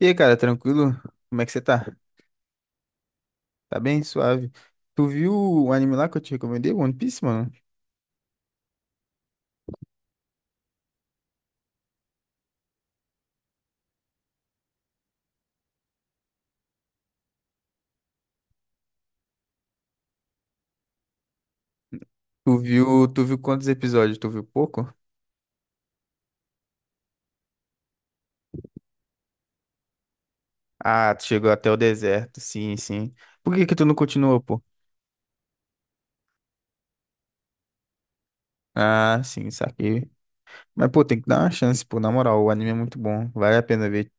E aí, cara, tranquilo? Como é que você tá? Tá bem? Suave. Tu viu o anime lá que eu te recomendei, One Piece, mano? Tu viu quantos episódios? Tu viu pouco? Ah, tu chegou até o deserto, sim, sim. Por que que tu não continuou, pô? Ah, sim, saquei. Mas, pô, tem que dar uma chance, pô, na moral, o anime é muito bom, vale a pena ver.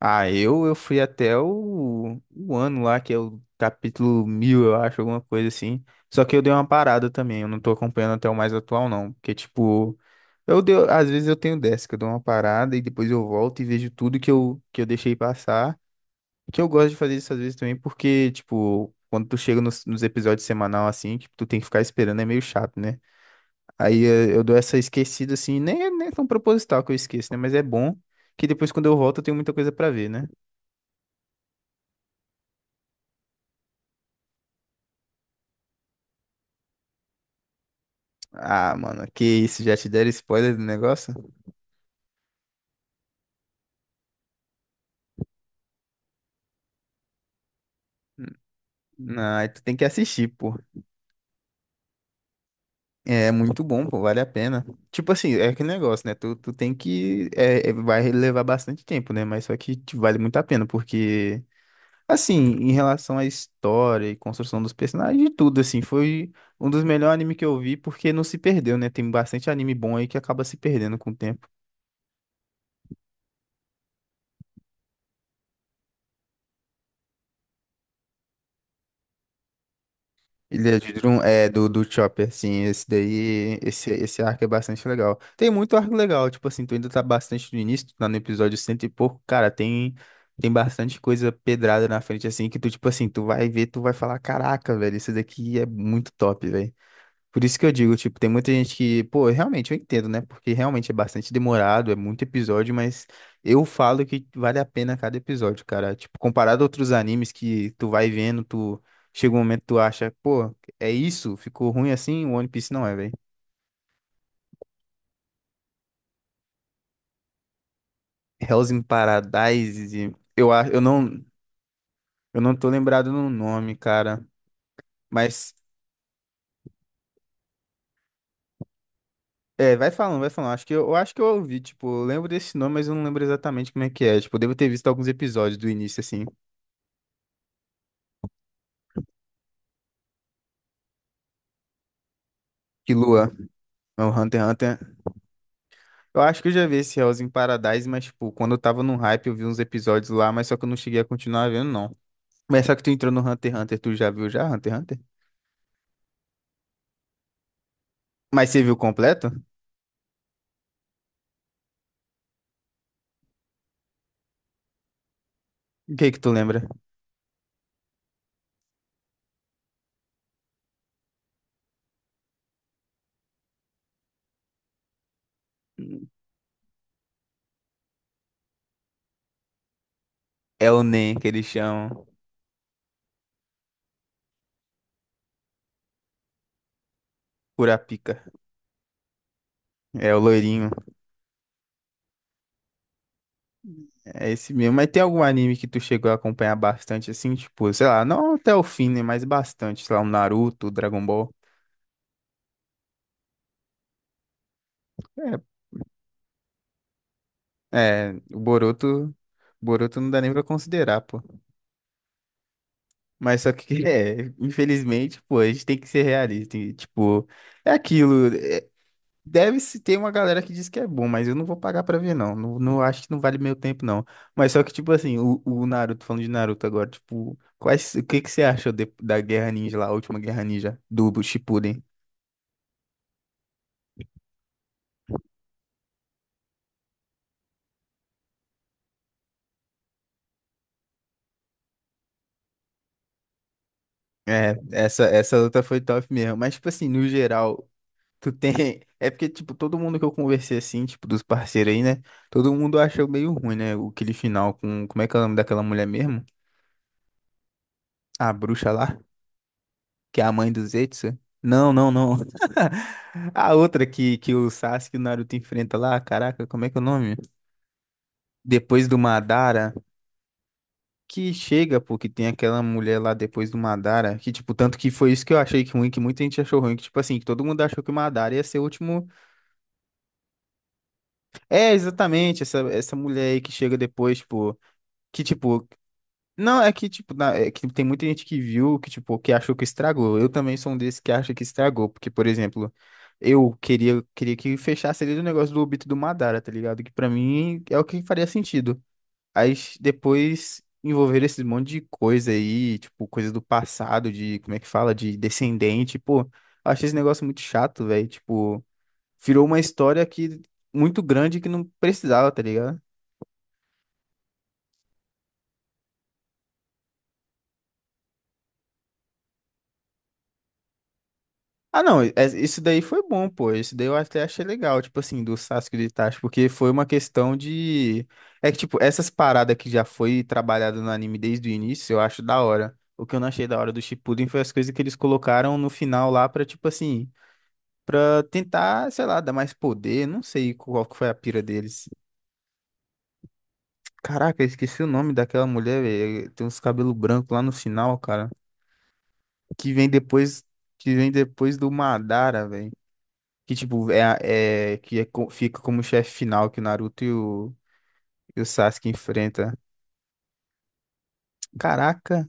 Ah, eu fui até o ano lá, que é o capítulo 1.000, eu acho, alguma coisa assim. Só que eu dei uma parada também, eu não tô acompanhando até o mais atual, não. Porque, tipo, eu deu, às vezes eu tenho dessa, que eu dou uma parada e depois eu volto e vejo tudo que que eu deixei passar. Que eu gosto de fazer isso às vezes também, porque, tipo, quando tu chega nos episódios semanal assim, que tu tem que ficar esperando, é meio chato, né? Aí eu dou essa esquecida assim, nem, nem é tão proposital que eu esqueço, né? Mas é bom que depois quando eu volto eu tenho muita coisa pra ver, né? Ah, mano, que isso, já te deram spoiler do negócio? Não, aí tu tem que assistir, pô. É muito bom, pô, vale a pena. Tipo assim, é aquele negócio, né? Tu tem que. É, vai levar bastante tempo, né? Mas só que te vale muito a pena, porque. Assim, em relação à história e construção dos personagens, e tudo, assim, foi um dos melhores animes que eu vi, porque não se perdeu, né? Tem bastante anime bom aí que acaba se perdendo com o tempo. Ilha de Drum é do Chopper, assim, esse daí, esse arco é bastante legal. Tem muito arco legal, tipo assim, tu ainda tá bastante no início, tu tá no episódio cento e pouco, cara, tem bastante coisa pedrada na frente, assim, que tu, tipo assim, tu vai ver, tu vai falar, caraca, velho, isso daqui é muito top, velho. Por isso que eu digo, tipo, tem muita gente que, pô, realmente eu entendo, né? Porque realmente é bastante demorado, é muito episódio, mas eu falo que vale a pena cada episódio, cara. Tipo, comparado a outros animes que tu vai vendo, tu chega um momento que tu acha, pô, é isso? Ficou ruim assim? O One Piece não é, velho. Hell's in Paradise, e eu acho, eu não, tô lembrado no nome, cara, mas é, vai falando, vai falando. Acho que eu acho que eu ouvi, tipo, eu lembro desse nome, mas eu não lembro exatamente como é que é. Tipo, eu devo ter visto alguns episódios do início assim. Que Lua. É O Hunter x Hunter. Eu acho que eu já vi esse Hell's in Paradise, mas, tipo, quando eu tava no hype, eu vi uns episódios lá, mas só que eu não cheguei a continuar vendo, não. Mas só que tu entrou no Hunter x Hunter, tu já viu já Hunter x Hunter? Mas você viu completo? O que que tu lembra? É o Nen, que eles chamam. Kurapika. É o loirinho. É esse mesmo. Mas tem algum anime que tu chegou a acompanhar bastante, assim? Tipo, sei lá, não até o fim, né? Mas bastante. Sei lá, o Naruto, o Dragon Ball. É, o Boruto. Boruto não dá nem pra considerar, pô. Mas só que, infelizmente, pô, a gente tem que ser realista. E, tipo, é aquilo. Deve-se ter uma galera que diz que é bom, mas eu não vou pagar pra ver, não. Não, não acho que não vale meu tempo, não. Mas só que, tipo assim, o Naruto, falando de Naruto agora, tipo, o que que você achou da Guerra Ninja lá, a última Guerra Ninja do Shippuden? É, essa luta foi top mesmo. Mas, tipo assim, no geral, tu tem. É porque, tipo, todo mundo que eu conversei assim, tipo, dos parceiros aí, né? Todo mundo achou meio ruim, né? Aquele final com. Como é que é o nome daquela mulher mesmo? A bruxa lá, que é a mãe do Zetsu. Não, não, não. A outra que o Sasuke e o Naruto enfrenta lá, caraca, como é que é o nome? Depois do Madara. Que chega, pô, que tem aquela mulher lá depois do Madara. Que, tipo, tanto que foi isso que eu achei que ruim, que muita gente achou ruim. Que, tipo assim, que todo mundo achou que o Madara ia ser o último. É, exatamente, essa mulher aí que chega depois, tipo. Que, tipo, não, é que, tipo, é que tem muita gente que viu que, tipo, que achou que estragou. Eu também sou um desses que acha que estragou, porque, por exemplo, eu queria, que fechasse ali o negócio do Obito do Madara, tá ligado? Que pra mim é o que faria sentido. Aí depois envolver esse monte de coisa aí, tipo, coisa do passado, de, como é que fala, de descendente, pô, eu achei esse negócio muito chato, velho. Tipo, virou uma história que muito grande que não precisava, tá ligado? Ah, não, isso daí foi bom, pô. Isso daí eu até achei legal, tipo assim, do Sasuke e do Itachi, porque foi uma questão de. É que, tipo, essas paradas que já foi trabalhada no anime desde o início, eu acho da hora. O que eu não achei da hora do Shippuden foi as coisas que eles colocaram no final lá pra, tipo assim, pra tentar, sei lá, dar mais poder. Não sei qual que foi a pira deles. Caraca, eu esqueci o nome daquela mulher, velho. Tem uns cabelos brancos lá no final, cara. Que vem depois, que vem depois do Madara, velho. Que, tipo, é, que é fica como chefe final que o Naruto e e o Sasuke enfrenta. Caraca.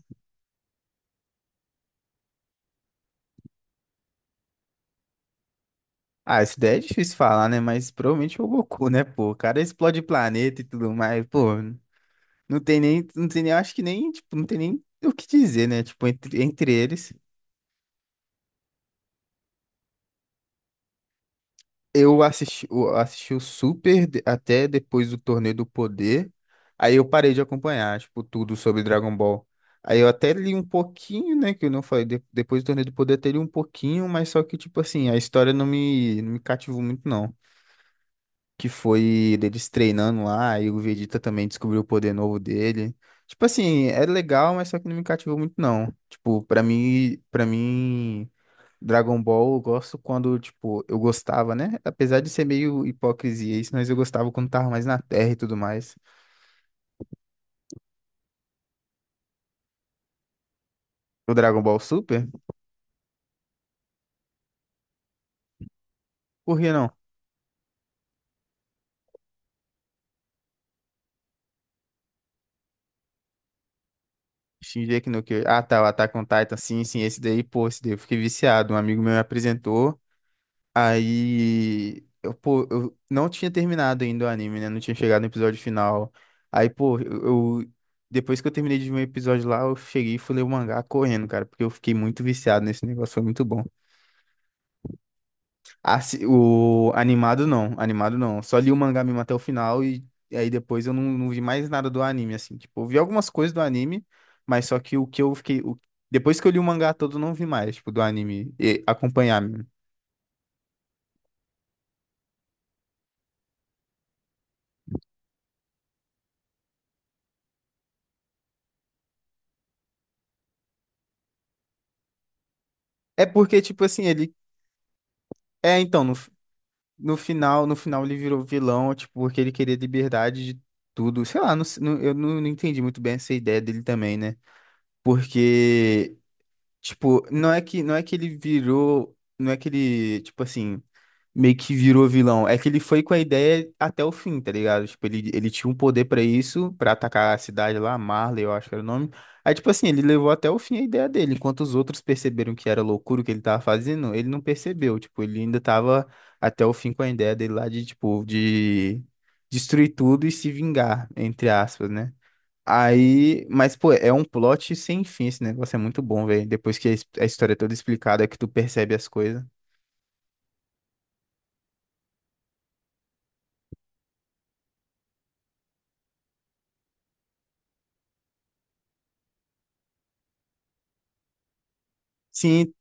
Ah, isso daí é difícil falar, né? Mas provavelmente é o Goku, né, pô? O cara explode planeta e tudo mais. Pô, não tem nem, acho que nem, tipo, não tem nem o que dizer, né? Tipo, entre eles. Eu assisti o Super até depois do Torneio do Poder. Aí eu parei de acompanhar, tipo, tudo sobre Dragon Ball. Aí eu até li um pouquinho, né? Que eu não falei. Depois do Torneio do Poder, até li um pouquinho, mas só que, tipo assim, a história não me cativou muito, não. Que foi deles treinando lá, e o Vegeta também descobriu o poder novo dele. Tipo assim, é legal, mas só que não me cativou muito, não. Tipo, pra mim, pra mim. Dragon Ball eu gosto quando, tipo, eu gostava, né? Apesar de ser meio hipocrisia isso, mas eu gostava quando tava mais na Terra e tudo mais. O Dragon Ball Super? Por que não? Shingeki no Kyojin. Ah, tá, o Attack on Titan, sim, sim, esse daí, pô, esse daí eu fiquei viciado. Um amigo meu me apresentou, aí, eu, pô, eu não tinha terminado ainda o anime, né? Não tinha chegado no episódio final. Aí, pô, depois que eu terminei de ver o episódio lá, eu cheguei e fui ler o mangá correndo, cara, porque eu fiquei muito viciado nesse negócio, foi muito bom. O animado não, animado não. Só li o mangá mesmo até o final e aí depois eu não, vi mais nada do anime, assim. Tipo, eu vi algumas coisas do anime, mas só que o que eu fiquei. Depois que eu li o mangá todo, eu não vi mais, tipo, do anime e acompanhar mesmo. É porque, tipo assim, ele. É, então, no final ele virou vilão, tipo, porque ele queria liberdade de tudo. Sei lá, eu não entendi muito bem essa ideia dele também, né? Porque, tipo, não é que ele virou. Não é que ele, tipo assim, meio que virou vilão. É que ele foi com a ideia até o fim, tá ligado? Tipo, ele tinha um poder pra isso, pra atacar a cidade lá, Marley, eu acho que era o nome. Aí, tipo assim, ele levou até o fim a ideia dele. Enquanto os outros perceberam que era loucura o que ele tava fazendo, ele não percebeu. Tipo, ele ainda tava até o fim com a ideia dele lá de, tipo, de destruir tudo e se vingar, entre aspas, né? Aí, mas pô, é um plot sem fim, esse negócio é muito bom, velho. Depois que a história é toda explicada, é que tu percebe as coisas. Sim.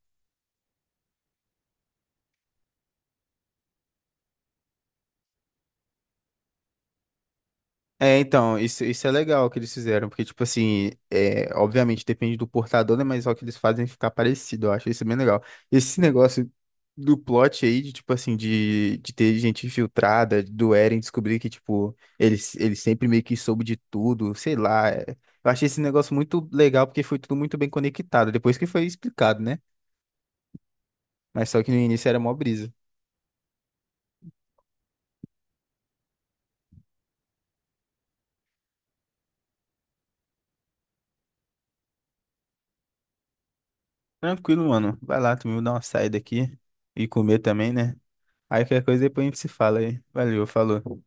É, então, isso é legal que eles fizeram, porque, tipo assim, é, obviamente depende do portador, né? Mas só que eles fazem ficar parecido, eu acho isso bem legal. Esse negócio do plot aí, de, tipo assim, de ter gente infiltrada, do Eren descobrir que, tipo, ele sempre meio que soube de tudo, sei lá. Eu achei esse negócio muito legal, porque foi tudo muito bem conectado, depois que foi explicado, né? Mas só que no início era mó brisa. Tranquilo, mano. Vai lá, tu me dá uma saída aqui e comer também, né? Aí qualquer coisa depois a gente se fala aí. Valeu, falou.